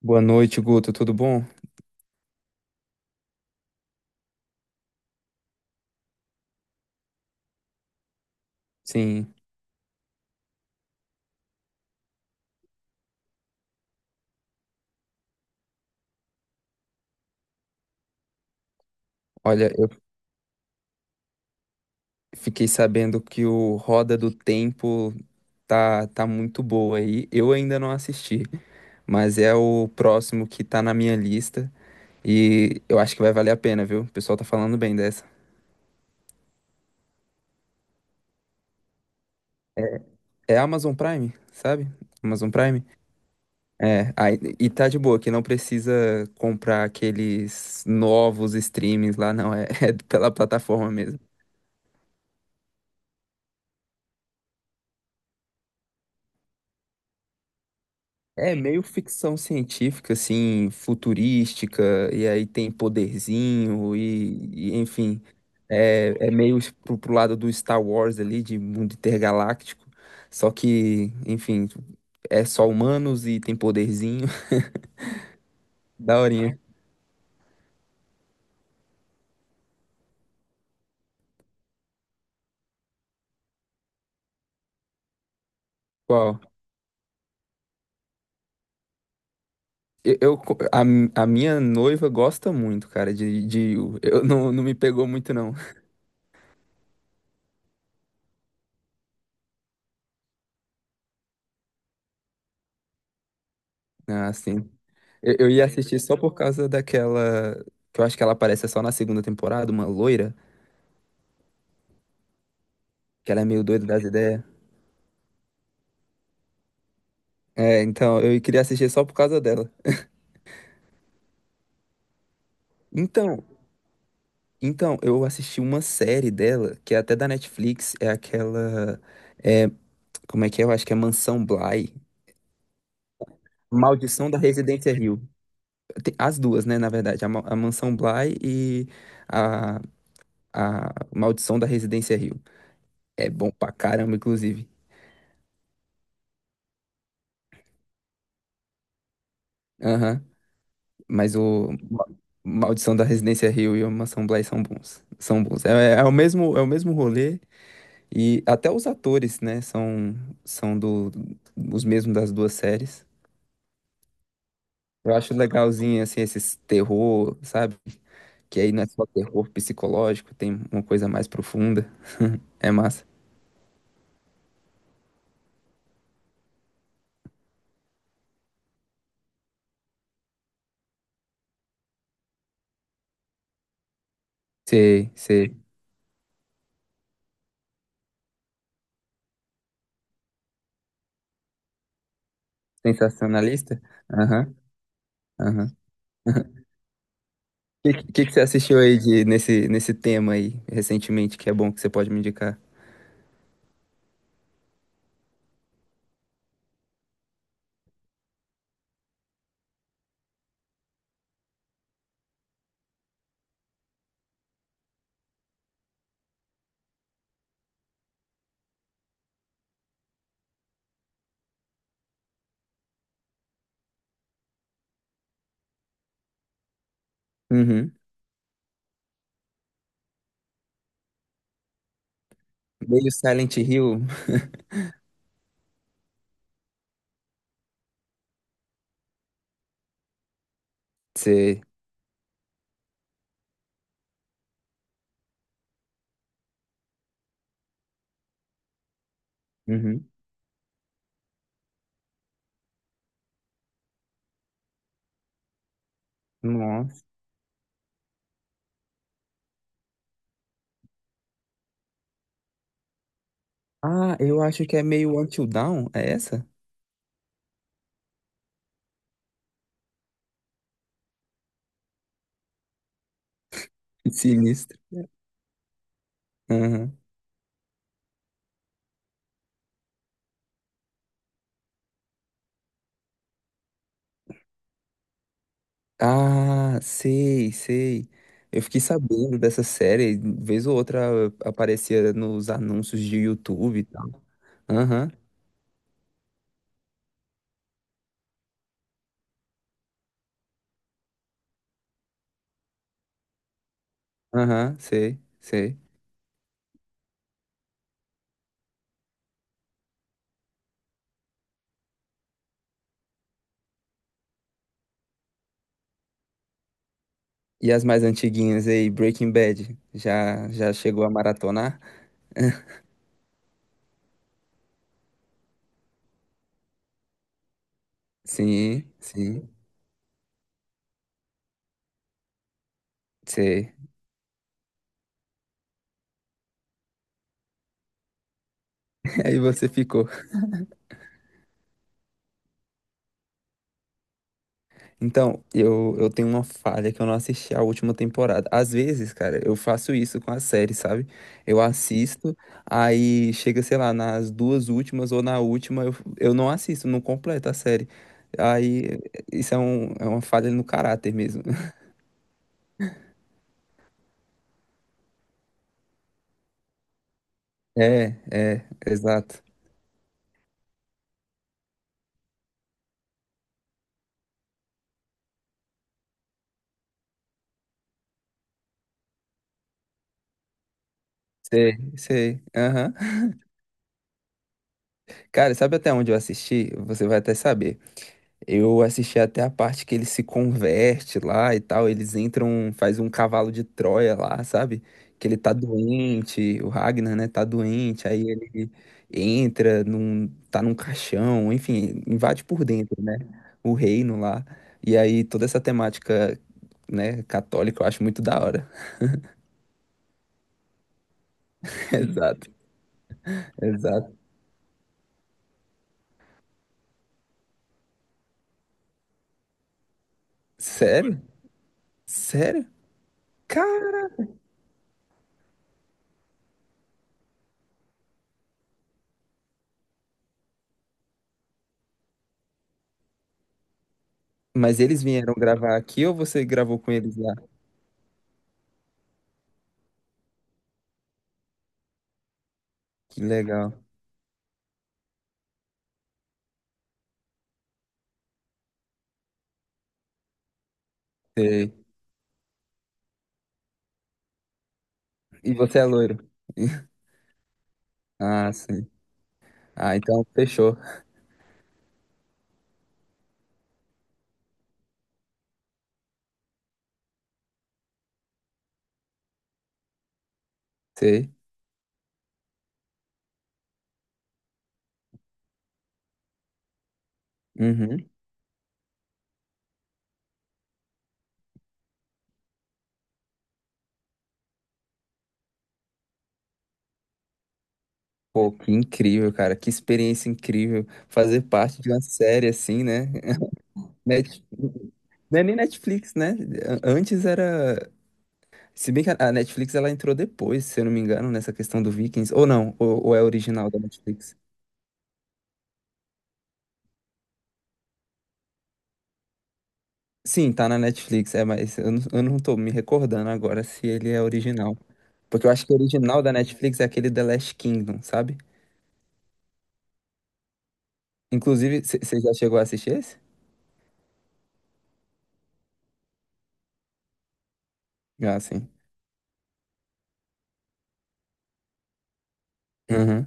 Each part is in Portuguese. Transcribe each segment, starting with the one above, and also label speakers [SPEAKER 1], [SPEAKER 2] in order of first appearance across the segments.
[SPEAKER 1] Boa noite, Guto. Tudo bom? Sim. Olha, eu fiquei sabendo que o Roda do Tempo tá muito boa aí. Eu ainda não assisti, mas é o próximo que tá na minha lista e eu acho que vai valer a pena, viu? O pessoal tá falando bem dessa. É Amazon Prime, sabe? Amazon Prime? É, aí, e tá de boa, que não precisa comprar aqueles novos streamings lá, não. É, é pela plataforma mesmo. É meio ficção científica, assim, futurística, e aí tem poderzinho, enfim, é, é meio pro lado do Star Wars ali, de mundo intergaláctico, só que, enfim, é só humanos e tem poderzinho, daorinha. Qual? Eu, eu- a, a minha noiva gosta muito, cara, de U. Eu não, não me pegou muito, não. Ah, sim. Eu ia assistir só por causa daquela, que eu acho que ela aparece só na segunda temporada, uma loira. Que ela é meio doida das ideias. É, então, eu queria assistir só por causa dela. Então, então, eu assisti uma série dela, que é até da Netflix, é aquela. É, como é que é? Eu acho que é Mansão Bly. Maldição da Residência Hill. Tem as duas, né, na verdade. A, Ma- a Mansão Bly e a, a Maldição da Residência Hill. É bom pra caramba, inclusive. Aham. Mas o Ma- Maldição da Residência Hill e a Mansão Bly são bons. São bons. É, é o mesmo rolê. E até os atores, né, são, são do, os mesmos das duas séries. Eu acho legalzinho, assim, esses terror, sabe? Que aí não é só terror psicológico, tem uma coisa mais profunda. É massa. Você, você, sensacionalista? Aham, aham. O que você assistiu aí de, nesse, nesse tema aí, recentemente, que é bom que você pode me indicar? Uhum. Meio Silent Hill. Você. Uhum. Nossa. Ah, eu acho que é meio Until Dawn, é essa? Sinistro. Aham. Ah, sei, sei. Eu fiquei sabendo dessa série, vez ou outra aparecia nos anúncios de YouTube e tal. Aham, aham, sei, sei. E as mais antiguinhas aí, Breaking Bad, já já chegou a maratonar? Sim, sim, sei. Aí você ficou. Então, eu tenho uma falha que eu não assisti a última temporada. Às vezes, cara, eu faço isso com a série, sabe? Eu assisto, aí chega, sei lá, nas duas últimas ou na última, eu não assisto, não completo a série. Aí, isso é, um, é uma falha no caráter mesmo. É, é, exato. Sei, sei. Aham. Cara, sabe até onde eu assisti? Você vai até saber. Eu assisti até a parte que ele se converte lá e tal. Eles entram, faz um cavalo de Troia lá, sabe? Que ele tá doente, o Ragnar, né, tá doente. Aí ele entra, num, tá num caixão, enfim, invade por dentro, né? O reino lá. E aí toda essa temática, né, católica eu acho muito da hora. Exato, exato. Sério? Sério? Cara! Mas eles vieram gravar aqui ou você gravou com eles lá? Que legal. Sei. E você é loiro. Ah, sim. Ah, então fechou. Sei. Uhum. Pô, que incrível, cara. Que experiência incrível. Fazer parte de uma série assim, né? Net... Não é nem Netflix, né? A- Antes era. Se bem que a Netflix ela entrou depois, se eu não me engano, nessa questão do Vikings. Ou não, ou é original da Netflix. Sim, tá na Netflix, é, mas eu não tô me recordando agora se ele é original. Porque eu acho que o original da Netflix é aquele The Last Kingdom, sabe? Inclusive, você já chegou a assistir esse? Já, sim. Uhum.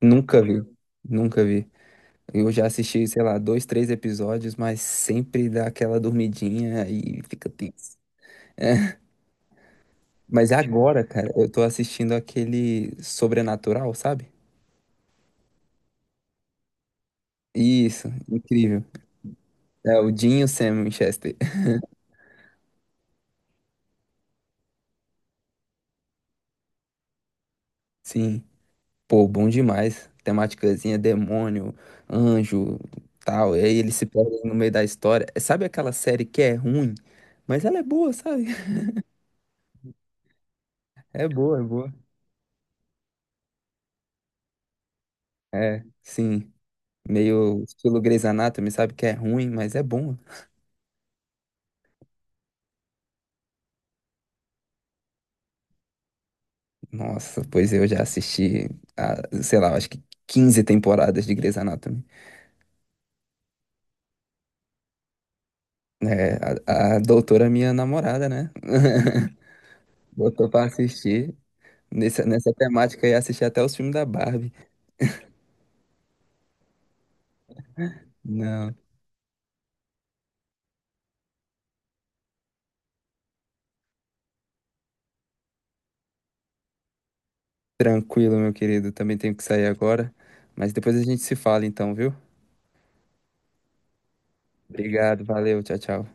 [SPEAKER 1] Nunca vi. Nunca vi. Eu já assisti, sei lá, dois, três episódios, mas sempre dá aquela dormidinha e fica tenso. Mas agora, cara, eu tô assistindo aquele Sobrenatural, sabe? Isso, incrível. É o Dean e o Sam Winchester. Sim. Pô, bom demais. Temáticazinha, demônio, anjo, tal. E aí eles se perdem no meio da história. Sabe aquela série que é ruim, mas ela é boa, sabe? É boa, é boa. É, sim. Meio estilo Grey's Anatomy, sabe que é ruim, mas é bom. Nossa, pois eu já assisti, a, sei lá, acho que 15 temporadas de Grey's Anatomy. É, a doutora, minha namorada, né? Botou pra assistir. Nessa, nessa temática e assisti até os filmes da Barbie. Não, tranquilo, meu querido. Também tenho que sair agora. Mas depois a gente se fala, então, viu? Obrigado, valeu, tchau, tchau.